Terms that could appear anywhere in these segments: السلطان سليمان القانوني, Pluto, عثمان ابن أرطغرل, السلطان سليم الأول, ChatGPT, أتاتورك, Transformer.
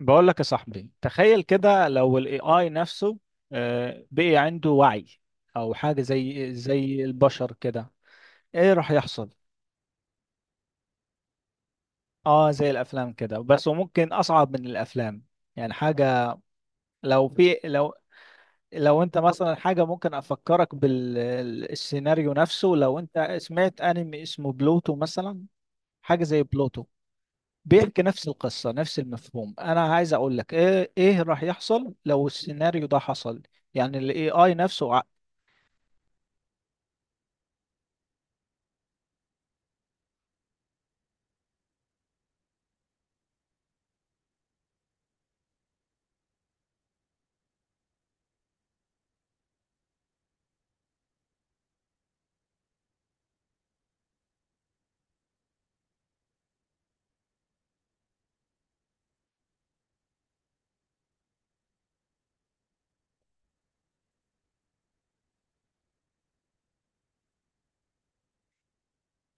بقول لك يا صاحبي، تخيل كده لو الاي اي نفسه بقي عنده وعي، او حاجه زي البشر كده، ايه راح يحصل؟ اه، زي الافلام كده بس، وممكن اصعب من الافلام، يعني حاجه. لو في لو لو انت مثلا، حاجه ممكن افكرك بالسيناريو نفسه، لو انت سمعت انمي اسمه بلوتو مثلا، حاجه زي بلوتو، بيحكي نفس القصه نفس المفهوم. انا عايز اقول لك ايه راح يحصل لو السيناريو ده حصل، يعني الاي اي نفسه.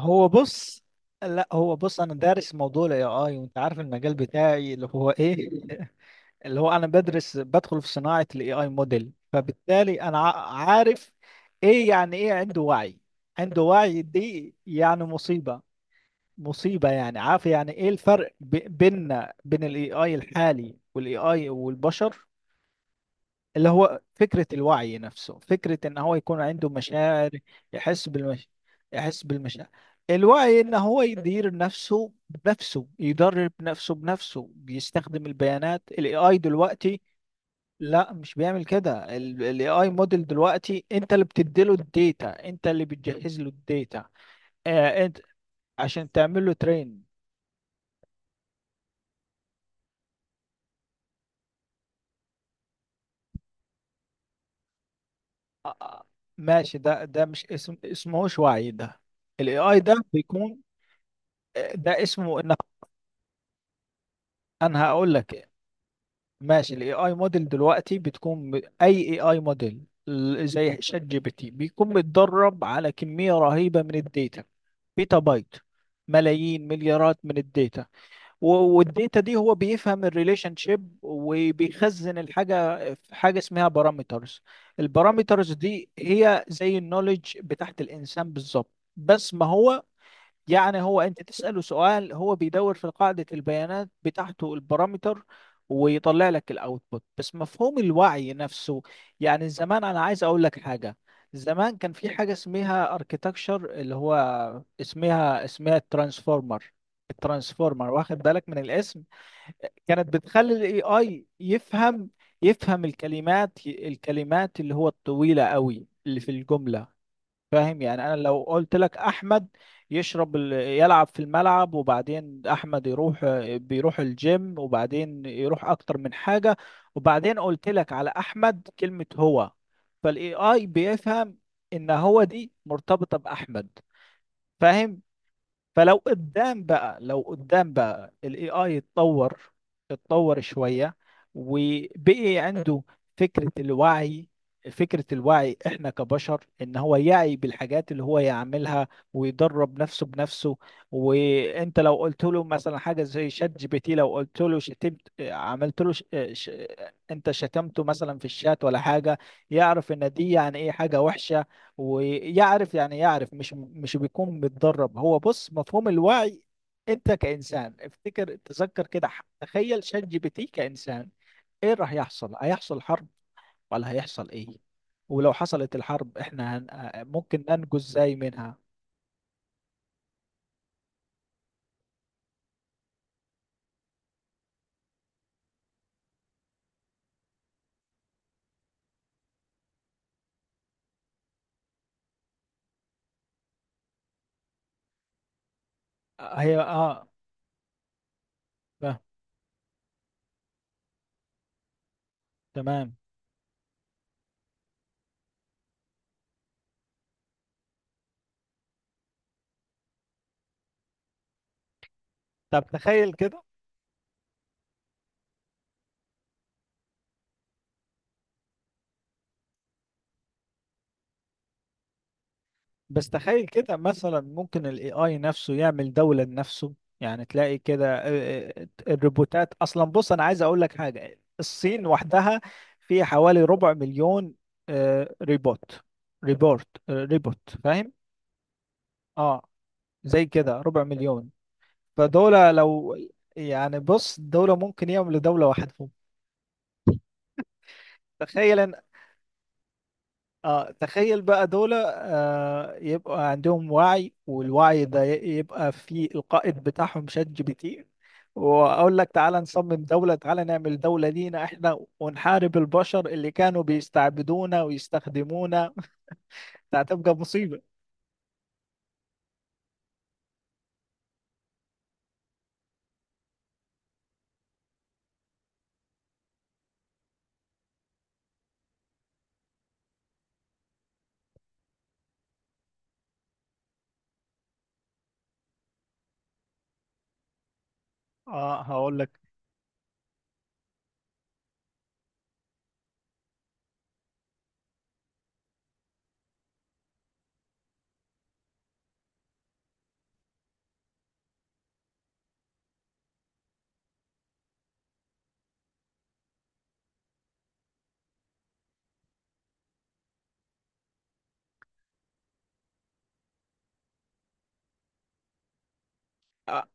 هو بص لا هو بص، انا دارس موضوع الاي اي، وانت عارف المجال بتاعي اللي هو ايه اللي هو انا بدخل في صناعة الاي اي موديل، فبالتالي انا عارف ايه يعني ايه عنده وعي. عنده وعي دي يعني مصيبة، مصيبة. يعني عارف يعني ايه الفرق بيننا، بين الاي اي الحالي والاي اي والبشر؟ اللي هو فكرة الوعي نفسه، فكرة ان هو يكون عنده مشاعر، يحس بالمش... يحس بالمشاعر. الوعي ان هو يدير نفسه بنفسه، يدرب نفسه بنفسه، بيستخدم البيانات. الاي اي دلوقتي لا مش بيعمل كده، الاي اي موديل دلوقتي انت اللي بتديله الداتا، انت اللي بتجهز له الداتا. آه، انت، عشان تعمل له ترين. آه، آه، ماشي، ده مش اسمهوش وعي ده. الاي اي ده بيكون، ده اسمه ان، انا هقول لك. ماشي، الاي اي موديل دلوقتي بتكون اي اي موديل، زي شات جي بي تي، بيكون متدرب على كمية رهيبة من الداتا، بيتا بايت، ملايين مليارات من الداتا، و- والداتا دي هو بيفهم الريليشن شيب، وبيخزن الحاجة في حاجة اسمها بارامترز. البارامترز دي هي زي النولج بتاعت الإنسان بالظبط. بس ما هو يعني هو، انت تسأله سؤال، هو بيدور في قاعدة البيانات بتاعته البارامتر، ويطلع لك الاوتبوت. بس مفهوم الوعي نفسه، يعني زمان، انا عايز اقول لك حاجة، زمان كان في حاجة اسمها اركيتكشر اللي هو اسمها الترانسفورمر. الترانسفورمر، واخد بالك من الاسم، كانت بتخلي الاي اي يفهم الكلمات، الكلمات اللي هو الطويلة قوي اللي في الجملة. فاهم؟ يعني انا لو قلت لك احمد يلعب في الملعب، وبعدين احمد يروح، بيروح الجيم، وبعدين يروح اكتر من حاجة، وبعدين قلت لك على احمد كلمة هو، فالاي اي بيفهم ان هو دي مرتبطة باحمد. فاهم؟ فلو قدام بقى الاي اي اتطور، اتطور شوية، وبقي عنده فكرة الوعي. فكرة الوعي احنا كبشر، ان هو يعي بالحاجات اللي هو يعملها، ويدرب نفسه بنفسه. وانت لو قلت له مثلا حاجة زي شات جي بي تي، لو قلت له شتمت، عملت له ش... انت شتمته مثلا في الشات ولا حاجة، يعرف ان دي يعني ايه حاجة وحشة، ويعرف، يعني يعرف، مش بيكون متدرب. هو بص، مفهوم الوعي انت كإنسان، تذكر كده، تخيل شات جي بي تي كإنسان، ايه راح يحصل؟ هيحصل حرب ولا هيحصل ايه؟ ولو حصلت الحرب، احنا هن... آه، ممكن ننجو ازاي منها؟ هي، اه، فاهم. تمام. طب تخيل كده، بس تخيل كده مثلا، ممكن ال AI نفسه يعمل دولة لنفسه. يعني تلاقي كده، الروبوتات أصلا. بص أنا عايز أقول لك حاجة، الصين وحدها في حوالي ربع مليون آه، ريبوت ريبورت آه، ريبوت. فاهم؟ اه، زي كده ربع مليون، فدولة لو، يعني بص، دولة ممكن يعملوا دولة وحدهم. تخيل، اه، تخيل بقى، دول يبقى عندهم وعي، والوعي ده يبقى في القائد بتاعهم شات جي بي تي، واقول لك تعالى نصمم دولة، تعالى نعمل دولة لينا احنا، ونحارب البشر اللي كانوا بيستعبدونا ويستخدمونا. ده هتبقى مصيبة. اه، هقول لك آه،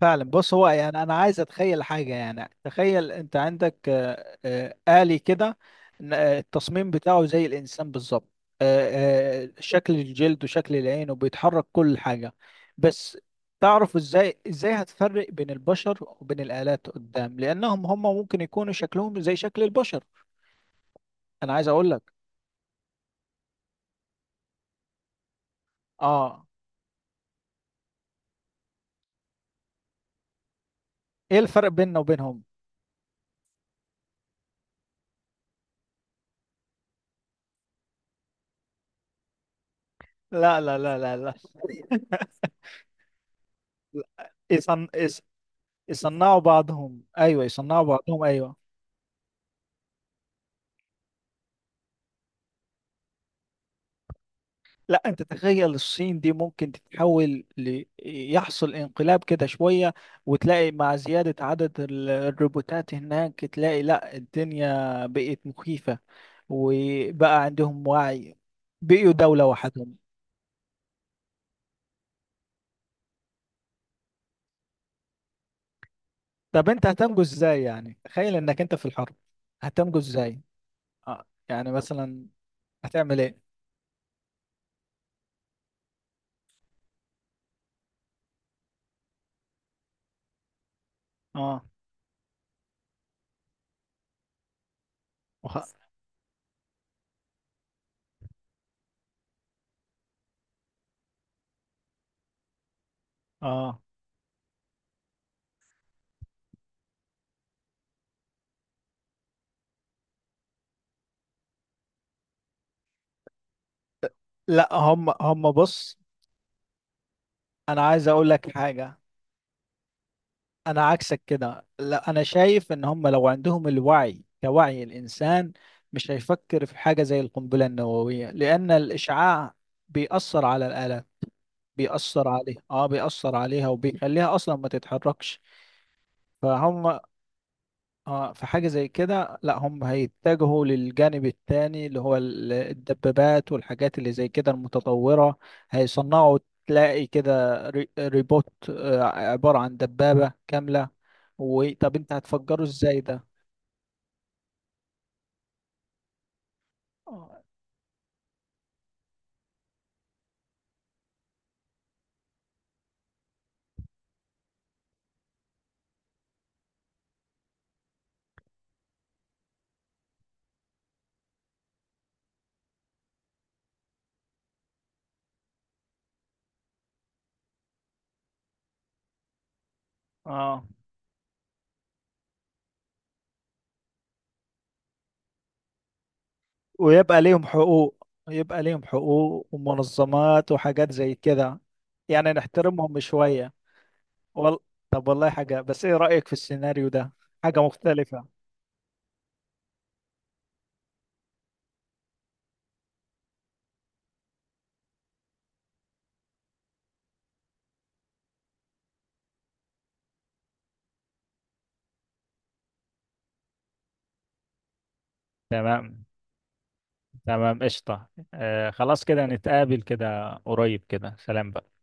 فعلا. بص، هو يعني انا عايز اتخيل حاجه، يعني تخيل انت عندك آلي كده، التصميم بتاعه زي الانسان بالظبط، آه، شكل الجلد وشكل العين وبيتحرك كل حاجه. بس تعرف ازاي هتفرق بين البشر وبين الآلات قدام، لانهم هم ممكن يكونوا شكلهم زي شكل البشر. انا عايز اقول لك، اه، ايه الفرق بيننا وبينهم؟ لا، لا، لا، لا، لا. يصن... يص- يصنعوا بعضهم ايوه، يصنعوا بعضهم ايوه. لا، انت تخيل الصين دي ممكن تتحول يحصل انقلاب كده شوية، وتلاقي مع زيادة عدد الروبوتات هناك، تلاقي لا الدنيا بقت مخيفة، وبقى عندهم وعي، بقيوا دولة وحدهم. طب انت هتنجو ازاي؟ يعني تخيل انك انت في الحرب، هتنجو ازاي؟ اه يعني مثلا، هتعمل ايه؟ اه، وخ... اه، لا هم بص، انا عايز اقول لك حاجة، انا عكسك كده. لا انا شايف ان هم لو عندهم الوعي كوعي الانسان، مش هيفكر في حاجه زي القنبله النوويه، لان الاشعاع بيأثر على الآلة، بيأثر عليها، اه، بيأثر عليها وبيخليها اصلا ما تتحركش. فهم. اه في حاجة زي كده، لا هم هيتجهوا للجانب التاني، اللي هو الدبابات والحاجات اللي زي كده المتطورة. هيصنعوا، تلاقي كده ريبوت عبارة عن دبابة كاملة، وطب انت هتفجره ازاي ده؟ اه. آه. ويبقى ليهم حقوق، يبقى ليهم حقوق ومنظمات وحاجات زي كده، يعني نحترمهم شوية. وال... طب والله حاجة بس، ايه رأيك في السيناريو ده؟ حاجة مختلفة. تمام، تمام قشطة. آه، خلاص كده، نتقابل كده قريب كده، سلام بقى.